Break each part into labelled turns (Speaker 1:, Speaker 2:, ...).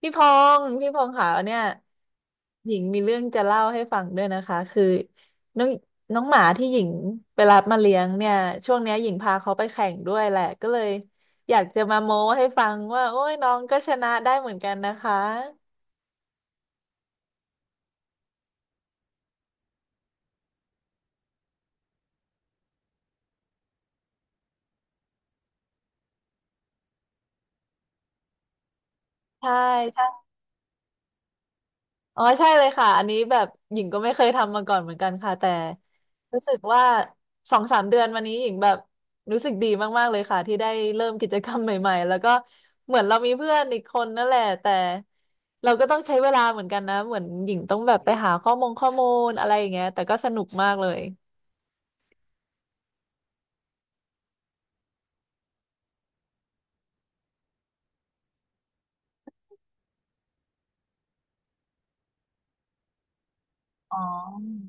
Speaker 1: พี่พงษ์พี่พงษ์ค่ะเนี่ยหญิงมีเรื่องจะเล่าให้ฟังด้วยนะคะคือน้องน้องหมาที่หญิงไปรับมาเลี้ยงเนี่ยช่วงเนี้ยหญิงพาเขาไปแข่งด้วยแหละก็เลยอยากจะมาโม้ให้ฟังว่าโอ้ยน้องก็ชนะได้เหมือนกันนะคะใช่ใช่ อ๋อใช่เลยค่ะอันนี้แบบหญิงก็ไม่เคยทำมาก่อนเหมือนกันค่ะแต่รู้สึกว่าสองสามเดือนมานี้หญิงแบบรู้สึกดีมากๆเลยค่ะที่ได้เริ่มกิจกรรมใหม่ๆแล้วก็เหมือนเรามีเพื่อนอีกคนนั่นแหละแต่เราก็ต้องใช้เวลาเหมือนกันนะเหมือนหญิงต้องแบบไปหาข้อมูลอะไรอย่างเงี้ยแต่ก็สนุกมากเลยอ๋อ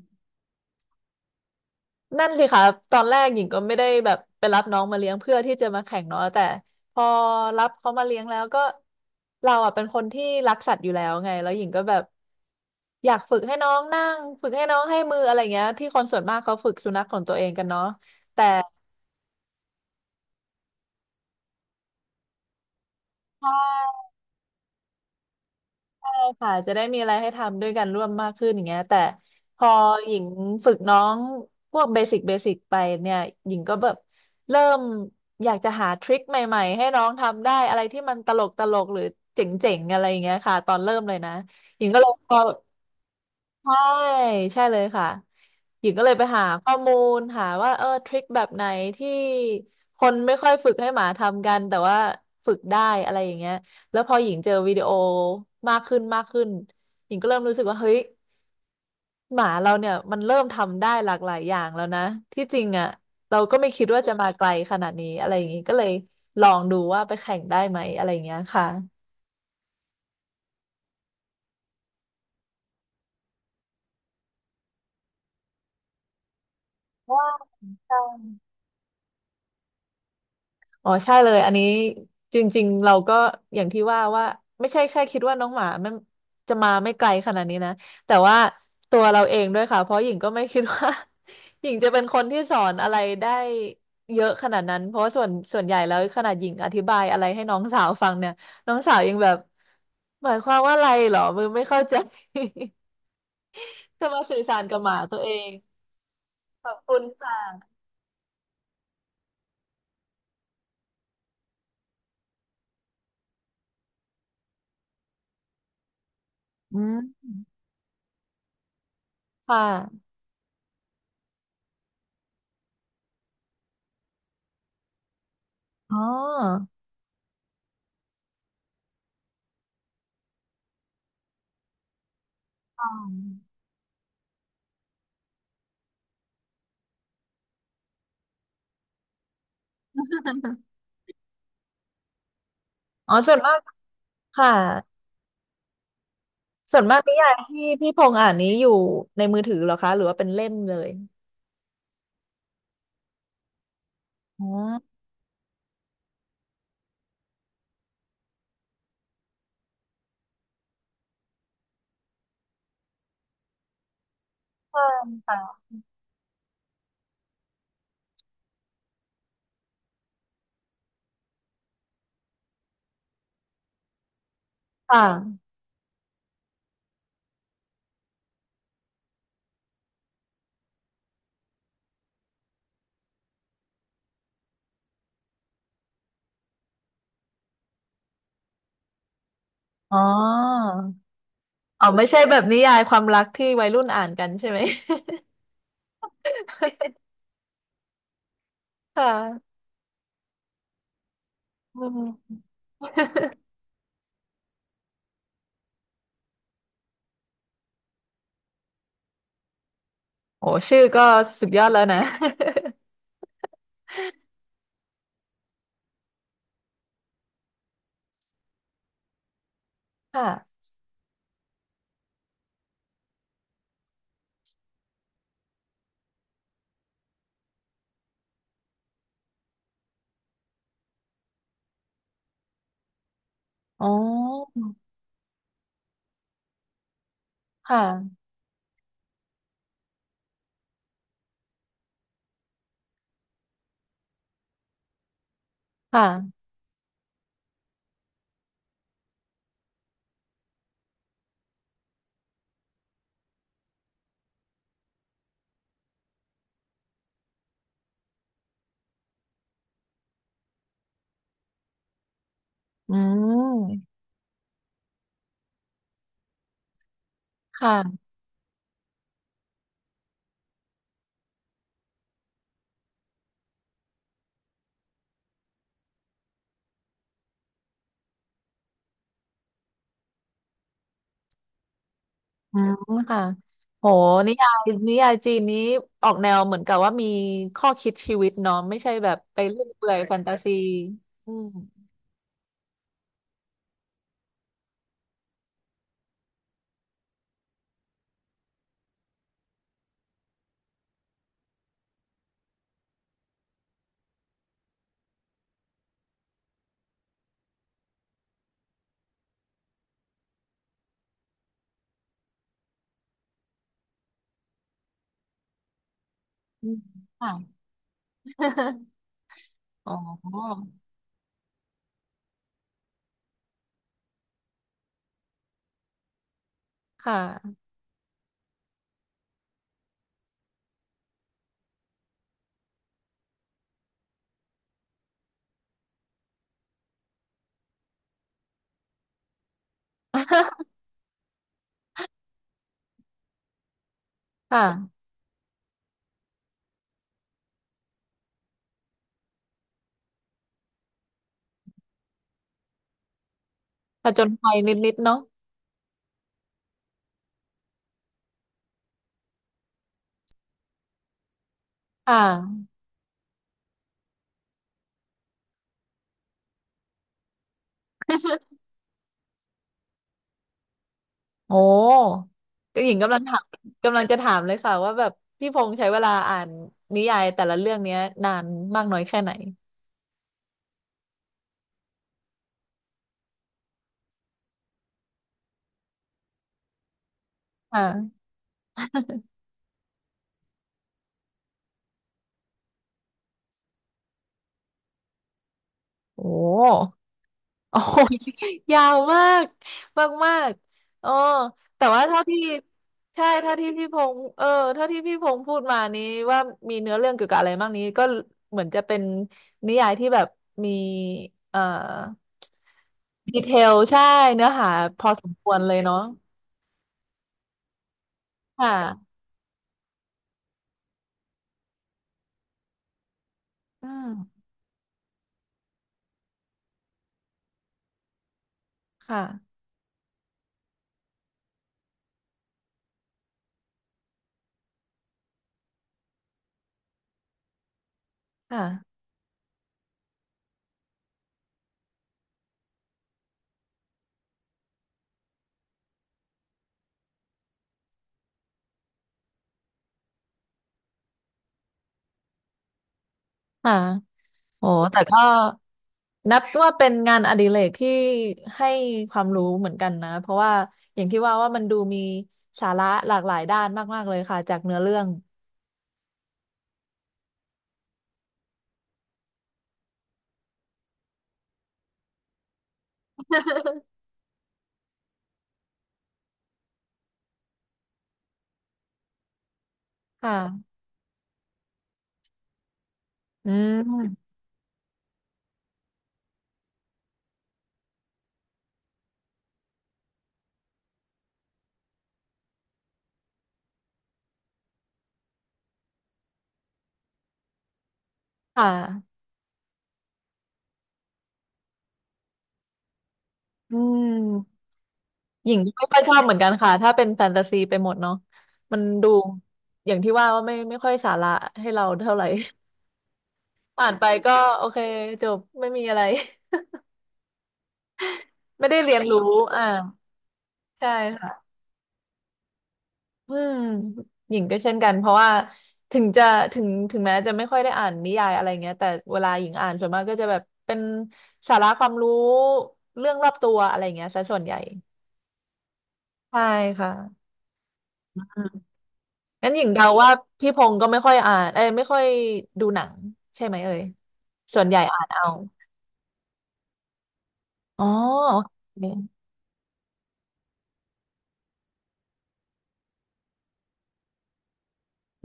Speaker 1: นั่นสิคะตอนแรกหญิงก็ไม่ได้แบบไปรับน้องมาเลี้ยงเพื่อที่จะมาแข่งเนาะแต่พอรับเขามาเลี้ยงแล้วก็เราอ่ะเป็นคนที่รักสัตว์อยู่แล้วไงแล้วหญิงก็แบบอยากฝึกให้น้องนั่งฝึกให้น้องให้มืออะไรเงี้ยที่คนส่วนมากเขาฝึกสุนัขของตัวเองกันเนาะแต่ ค่ะจะได้มีอะไรให้ทำด้วยกันร่วมมากขึ้นอย่างเงี้ยแต่พอหญิงฝึกน้องพวกเบสิกเบสิกไปเนี่ยหญิงก็แบบเริ่มอยากจะหาทริคใหม่ๆให้น้องทำได้อะไรที่มันตลกตลกหรือเจ๋งๆอะไรอย่างเงี้ยค่ะตอนเริ่มเลยนะหญิงก็เลยพอ ใช่ใช่เลยค่ะหญิงก็เลยไปหาข้อมูลหาว่าเออทริคแบบไหนที่คนไม่ค่อยฝึกให้หมาทำกันแต่ว่าฝึกได้อะไรอย่างเงี้ยแล้วพอหญิงเจอวิดีโอมากขึ้นหญิงก็เริ่มรู้สึกว่าเฮ้ยหมาเราเนี่ยมันเริ่มทำได้หลากหลายอย่างแล้วนะที่จริงอ่ะเราก็ไม่คิดว่าจะมาไกลขนาดนี้อะไรอย่างงี้ก็เลยลองดูว่าไปแข่งได้ไหมอะไรอย่างเงี้ยค่ะว้าว อ๋อใช่เลยอันนี้จริงๆเราก็อย่างที่ว่าว่าไม่ใช่แค่คิดว่าน้องหมาไม่จะมาไม่ไกลขนาดนี้นะแต่ว่าตัวเราเองด้วยค่ะเพราะหญิงก็ไม่คิดว่า หญิงจะเป็นคนที่สอนอะไรได้เยอะขนาดนั้นเพราะว่าส่วนใหญ่แล้วขนาดหญิงอธิบายอะไรให้น้องสาวฟังเนี่ยน้องสาวยังแบบหมายความว่าอะไรเหรอมือไม่เข้าใจ จะมาสื่อสารกับหมาตัวเองขอบคุณค่ะอืมค่ะอ๋ออ๋ออ๋อส่วนมากค่ะ ส่วนมากนิยายที่พี่พงษ์อ่านนี้อยู่ในมือถือเหรอคะหรือว่าเป็นเล่มเลยอ๋อค่ะค่ะอ๋ออ๋อไม่ใช่แบบนิยายความรักที่วัยรุ่นอ่านกันใช่ไหม ค่ะอืมโอ้ชื่อก็สุดยอดแล้วนะ ค่ะอ๋อค่ะค่ะอืมค่ะอืมค่ะโหนิยายนิยายจีนนี้ออกแนวเหมือนกับว่ามีข้อคิดชีวิตเนาะไม่ใช่แบบไปเรื่อยเปื่อยแฟนตาซีอืม อืมค่ะ อ๋อค่ะ ค่ะผจญภัยนิดๆเนาะค่ะโอ้ก็หญิงกำลังถามกำลังจะถามเลยค่ะว่าแบบพี่พงษ์ใช้เวลาอ่านนิยายแต่ละเรื่องเนี้ยนานมากน้อยแค่ไหน ค่ะโอ้ โอ้ย ยาวมากมากมากอ๋อแต่ว่าเท่าที่ใช่เท่าที่พี่พงษ์เท่าที่พี่พงษ์พูดมานี้ว่ามีเนื้อเรื่องเกี่ยวกับอะไรบ้างนี้ก็เหมือนจะเป็นนิยายที่แบบมีเอ่อดีเทลใช่เนื้อหาพอสมควรเลยเนาะค่ะอืมค่ะค่ะค่ะ โอ้แต่ก็นับว่าเป็นงานอดิเรกที่ให้ความรู้เหมือนกันนะเพราะว่าอย่างที่ว่าว่ามันดูมีสาระหลากหลายด้านมากๆเลยค่ะจากเนื้อเรื่องค่ะอืมค่ะอืมหญิงไม่ค่อยชอบเหมือนกันค่ะถ้าเป็นแฟนตาซีไปหมดเนาะมันดูอย่างที่ว่าว่าไม่ค่อยสาระให้เราเท่าไหร่ อ่านไปก็โอเคจบไม่มีอะไร ไม่ได้เรียนรู้อ่าใช่ อืมหญิงก็เช่นกันเพราะว่าถึงจะถึงแม้จะไม่ค่อยได้อ่านนิยายอะไรเงี้ยแต่เวลาหญิงอ่านส่วนมากก็จะแบบเป็นสาระความรู้เรื่องรอบตัวอะไรเงี้ยซะส่วนใหญ่ใช่ค่ะอืมงั้นหญิงเดาว่าพี่พงศ์ก็ไม่ค่อยอ่านเอ้ยไม่ค่อยดูหนังใช่ไหมเอ่ยส่วนใหญ่อ่านเอาอ๋อโอเค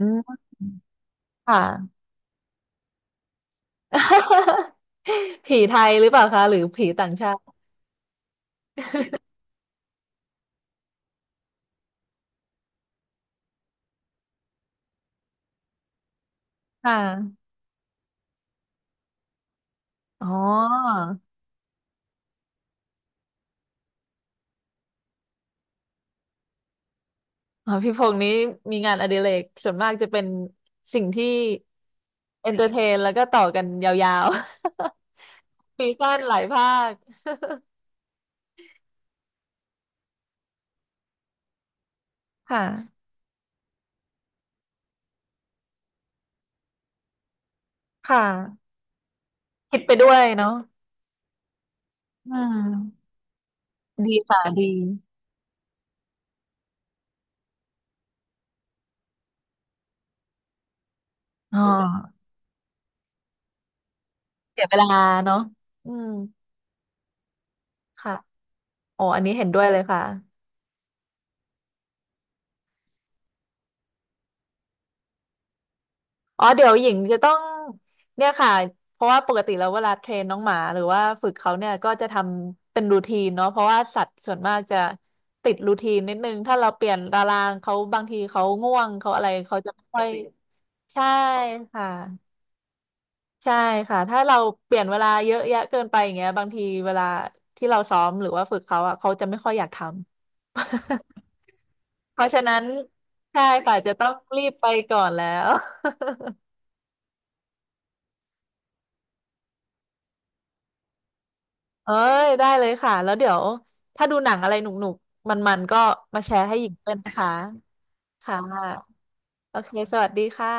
Speaker 1: อืมค่ะ ผีไทยหรือเปล่าคะหรือผีต่างชาติค่ะอ๋อ อ๋อพี่พงษ์นี้มีงานอดิเรกส่วนมากจะเป็นสิ่งที่เอนเตอร์เทนแล้วก็ต่อกันยาวๆ ปีสั้นหลายภาค ค่ะค่ะคิดไปด้วยเนาะอืมดีค่ะดีอ๋อเสียเวลาเนาะอืมค่ะโอ้อันนี้เห็นด้วยเลยค่ะ อ๋อเดี๋ยวหญิงจะต้องเนี่ยค่ะเพราะว่าปกติแล้วเวลาเทรนน้องหมาหรือว่าฝึกเขาเนี่ยก็จะทำเป็นรูทีนเนาะเพราะว่าสัตว์ส่วนมากจะติดรูทีนนิดนึงถ้าเราเปลี่ยนตารางเขาบางทีเขาง่วงเขาอะไรเขาจะไม่ค่อยใช่ค่ะใช่ค่ะถ้าเราเปลี่ยนเวลาเยอะแยะเกินไปอย่างเงี้ยบางทีเวลาที่เราซ้อมหรือว่าฝึกเขาอ่ะเขาจะไม่ค่อยอยากทำ เพราะฉะนั้นใช่ค่ะจะต้องรีบไปก่อนแล้ว เอ้ยได้เลยค่ะแล้วเดี๋ยวถ้าดูหนังอะไรหนุกๆมันๆก็มาแชร์ให้หญิงด้วยนะคะค่ะโอเคสวัสดีค่ะ